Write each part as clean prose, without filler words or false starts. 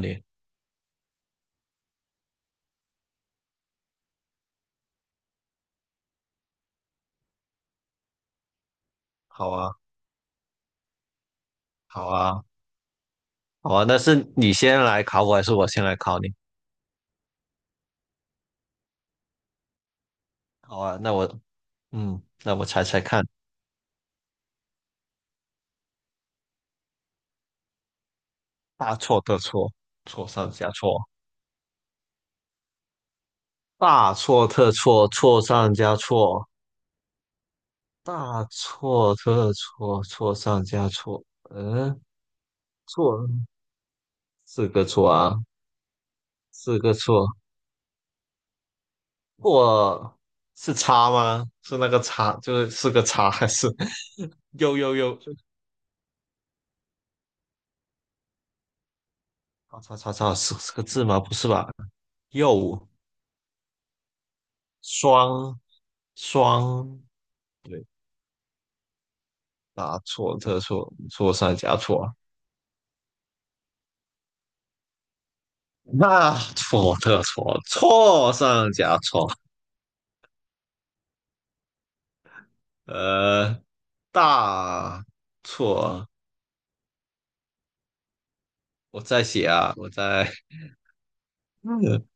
你。好啊，好啊，好啊。那是你先来考我，还是我先来考你？好啊，那我猜猜看。大错特错，错上加错。大错特错，错上加错。大错特错，错上加错。嗯，错四个错啊。四个错，错是叉吗？是那个叉，就是四个叉，还是 又又又？叉叉叉叉，是四个字吗？不是吧？又。双双。对，大错，特错，错上加错啊。那错特错，错上加错。呃，大错。我在写啊，嗯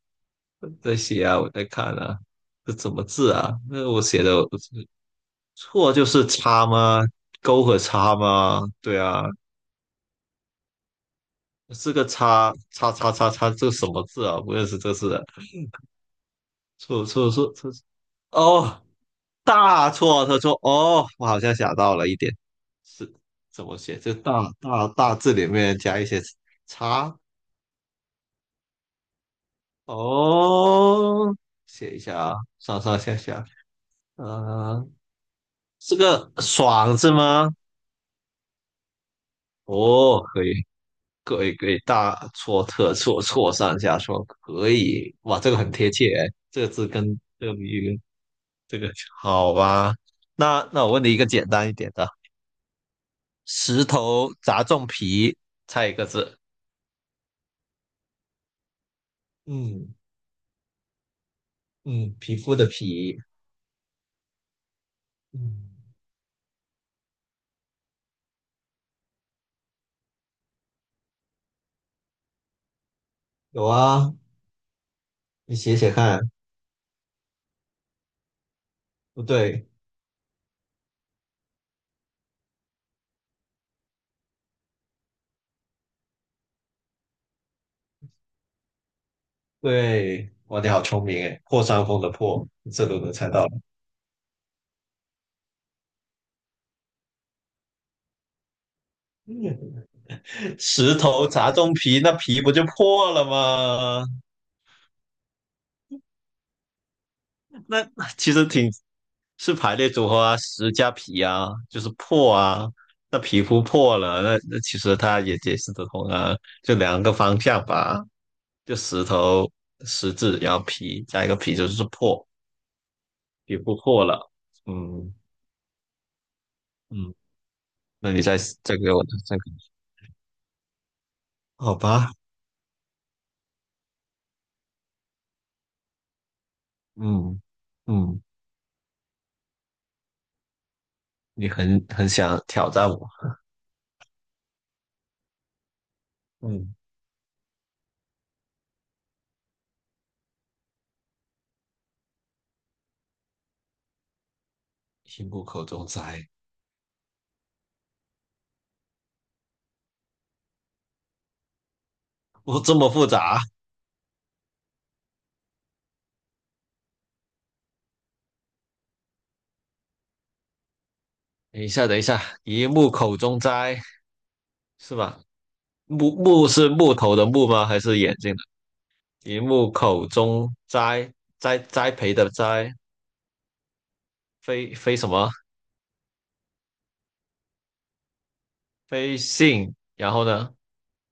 在写啊，我在看啊。这怎么字啊？那我写的我错就是叉吗？勾和叉吗？对啊。是个叉叉叉叉叉，这什么字啊？不认识，这是错错错错哦。大错特错哦，我好像想到了一点。是怎么写？就大字里面加一些叉。哦，写一下啊，上上下下。呃，是个爽字吗？哦，可以，可以，可以，大错特错，错上加错，可以。哇，这个很贴切。这个字跟这个谜语跟这个好吧？那我问你一个简单一点的。石头砸中皮，猜一个字。嗯。嗯，皮肤的皮。嗯，有啊。你写写看。不对。对，哇，你好聪明诶，破伤风的破，你这都能猜到了。石头砸中皮，那皮不就破了吗？那其实挺是排列组合啊，石加皮啊，就是破啊。那皮肤破了，那其实它也解释得通啊。就两个方向吧，就石头石字，然后皮加一个皮就是破。也不错了。嗯。嗯，那你再再给我再给我，好吧？嗯。嗯，你很想挑战我。嗯，一木口中斋。哦，这么复杂？等一下，等一下，一木口中斋，是吧？木是木头的木吗？还是眼睛的？一木口中栽，栽培的栽。非什么？非信，然后呢？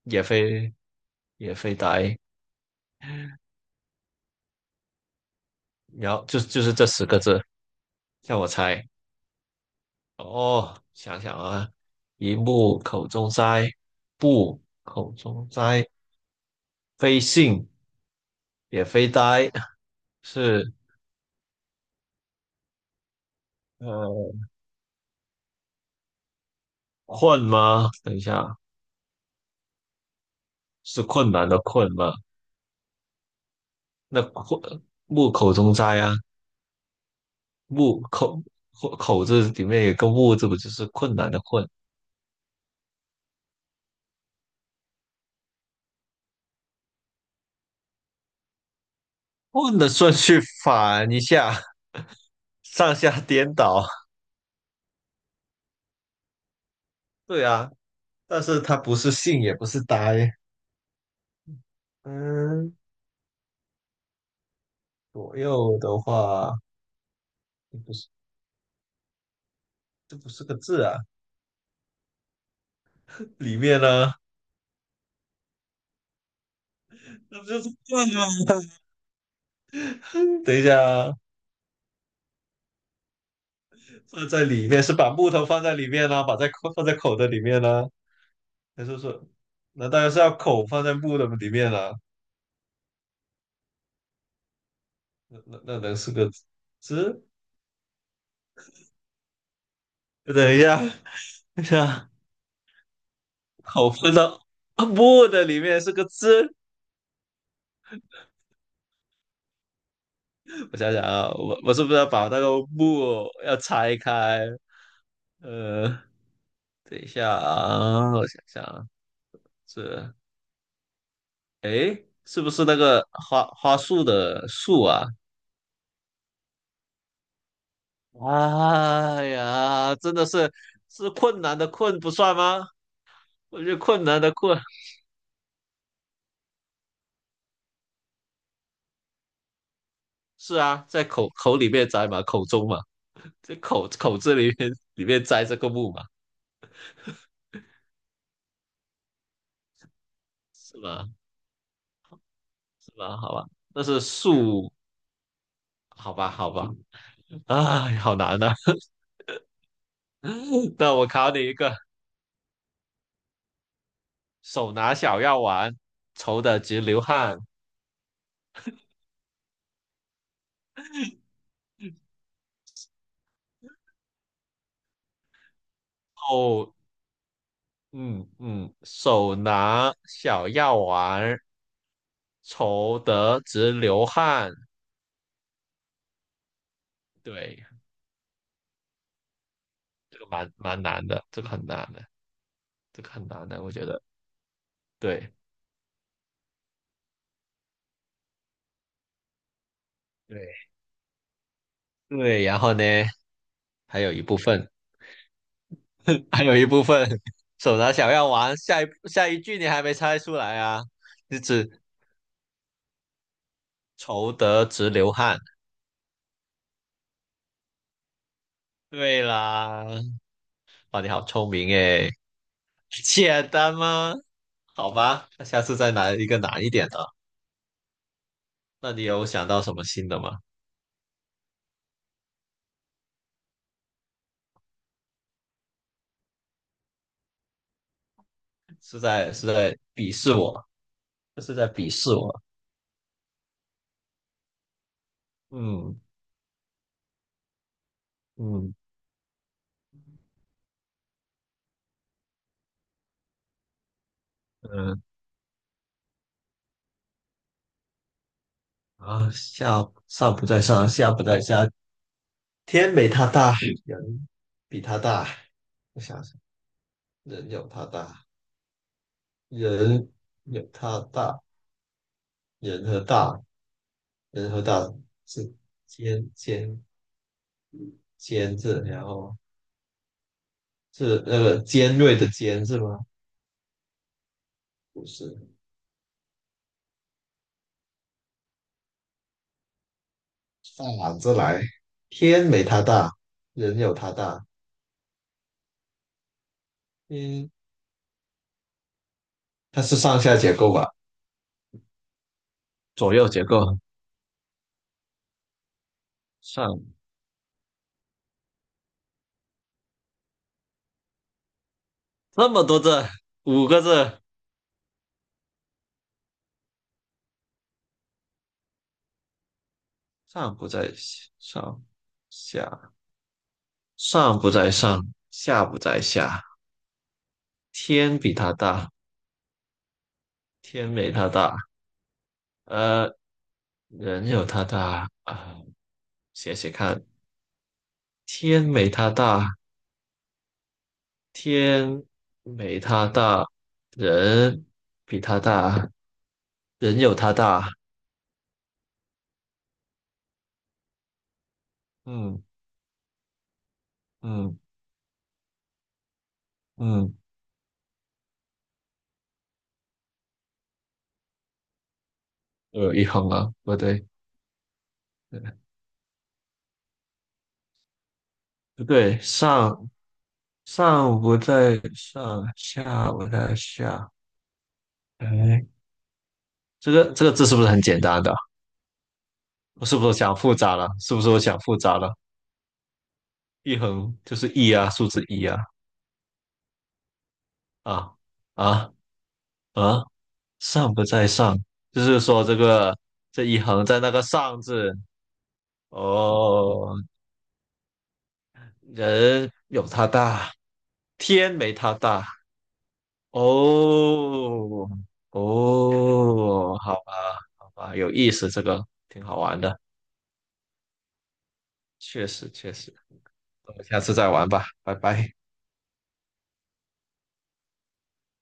也非也非呆。然后就是这十个字，让我猜。哦，想想啊。一木口中哉，不口中哉，非信，也非呆。是呃困吗？等一下，是困难的困吗？那困，木口中哉啊，口，口口字里面有个木字，不就是困难的困？问的顺序反一下，上下颠倒。对啊，但是它不是信，也不是呆。嗯，左右的话。不是。这不是个字啊，里面呢。那不就是罐吗？等一下啊，放在里面是把木头放在里面呢、把在口放在口的里面呢、还是说，那当然是要口放在木的里面了、那能是个字？等一下，等一下，口放到木的里面是个字。我想想啊，我是不是要把那个木要拆开？呃，等一下啊，我想想啊。这诶，是不是那个花花树的树啊？哎呀，真的是，是困难的困不算吗？我觉得困难的困，是啊，在口口里面摘嘛，口中嘛，这口，口字里面里面摘这个木嘛，是吧？是吧？好吧，那是树。好吧，好吧，哎，好难呐、那我考你一个，手拿小药丸，愁得直流汗。哦。嗯。嗯，手拿小药丸儿，愁得直流汗。对。这个蛮难的，这个很难的，这个很难的，我觉得。对。对，对，然后呢？还有一部分。还有一部分，手拿小药丸。下一句你还没猜出来啊？你只愁得直流汗。对啦。哇，你好聪明诶。简单吗？好吧，那下次再拿一个难一点的。那你有想到什么新的吗？是在，是在鄙视我。这是在鄙视我。嗯。嗯。嗯，啊，上不在上，下不在下，天没他大，人比他大。我想想，人有他大，人有他大，人和大，人和大是尖尖尖字，然后是那个尖锐的尖是吗？不是。反着来，天没他大，人有他大。嗯，它是上下结构吧？左右结构。上那么多字，五个字。上不在上，下上不在上，下不在下。天比它大，天没它大，呃，人有它大啊。写写看，天没它大，天没它大，人比它大，人有它大。嗯。嗯。嗯，我有一横啊，不对。呃不对，上不在上，下不在下。哎，这个这个字是不是很简单的？我是不是想复杂了？是不是我想复杂了？一横就是一啊，数字一啊。啊。啊。啊！上不在上，就是说这个，这一横在那个上字。哦，人有他大，天没他大。哦。哦，好吧，好吧，有意思，这个挺好玩的。确实确实。我们下次再玩吧，拜拜。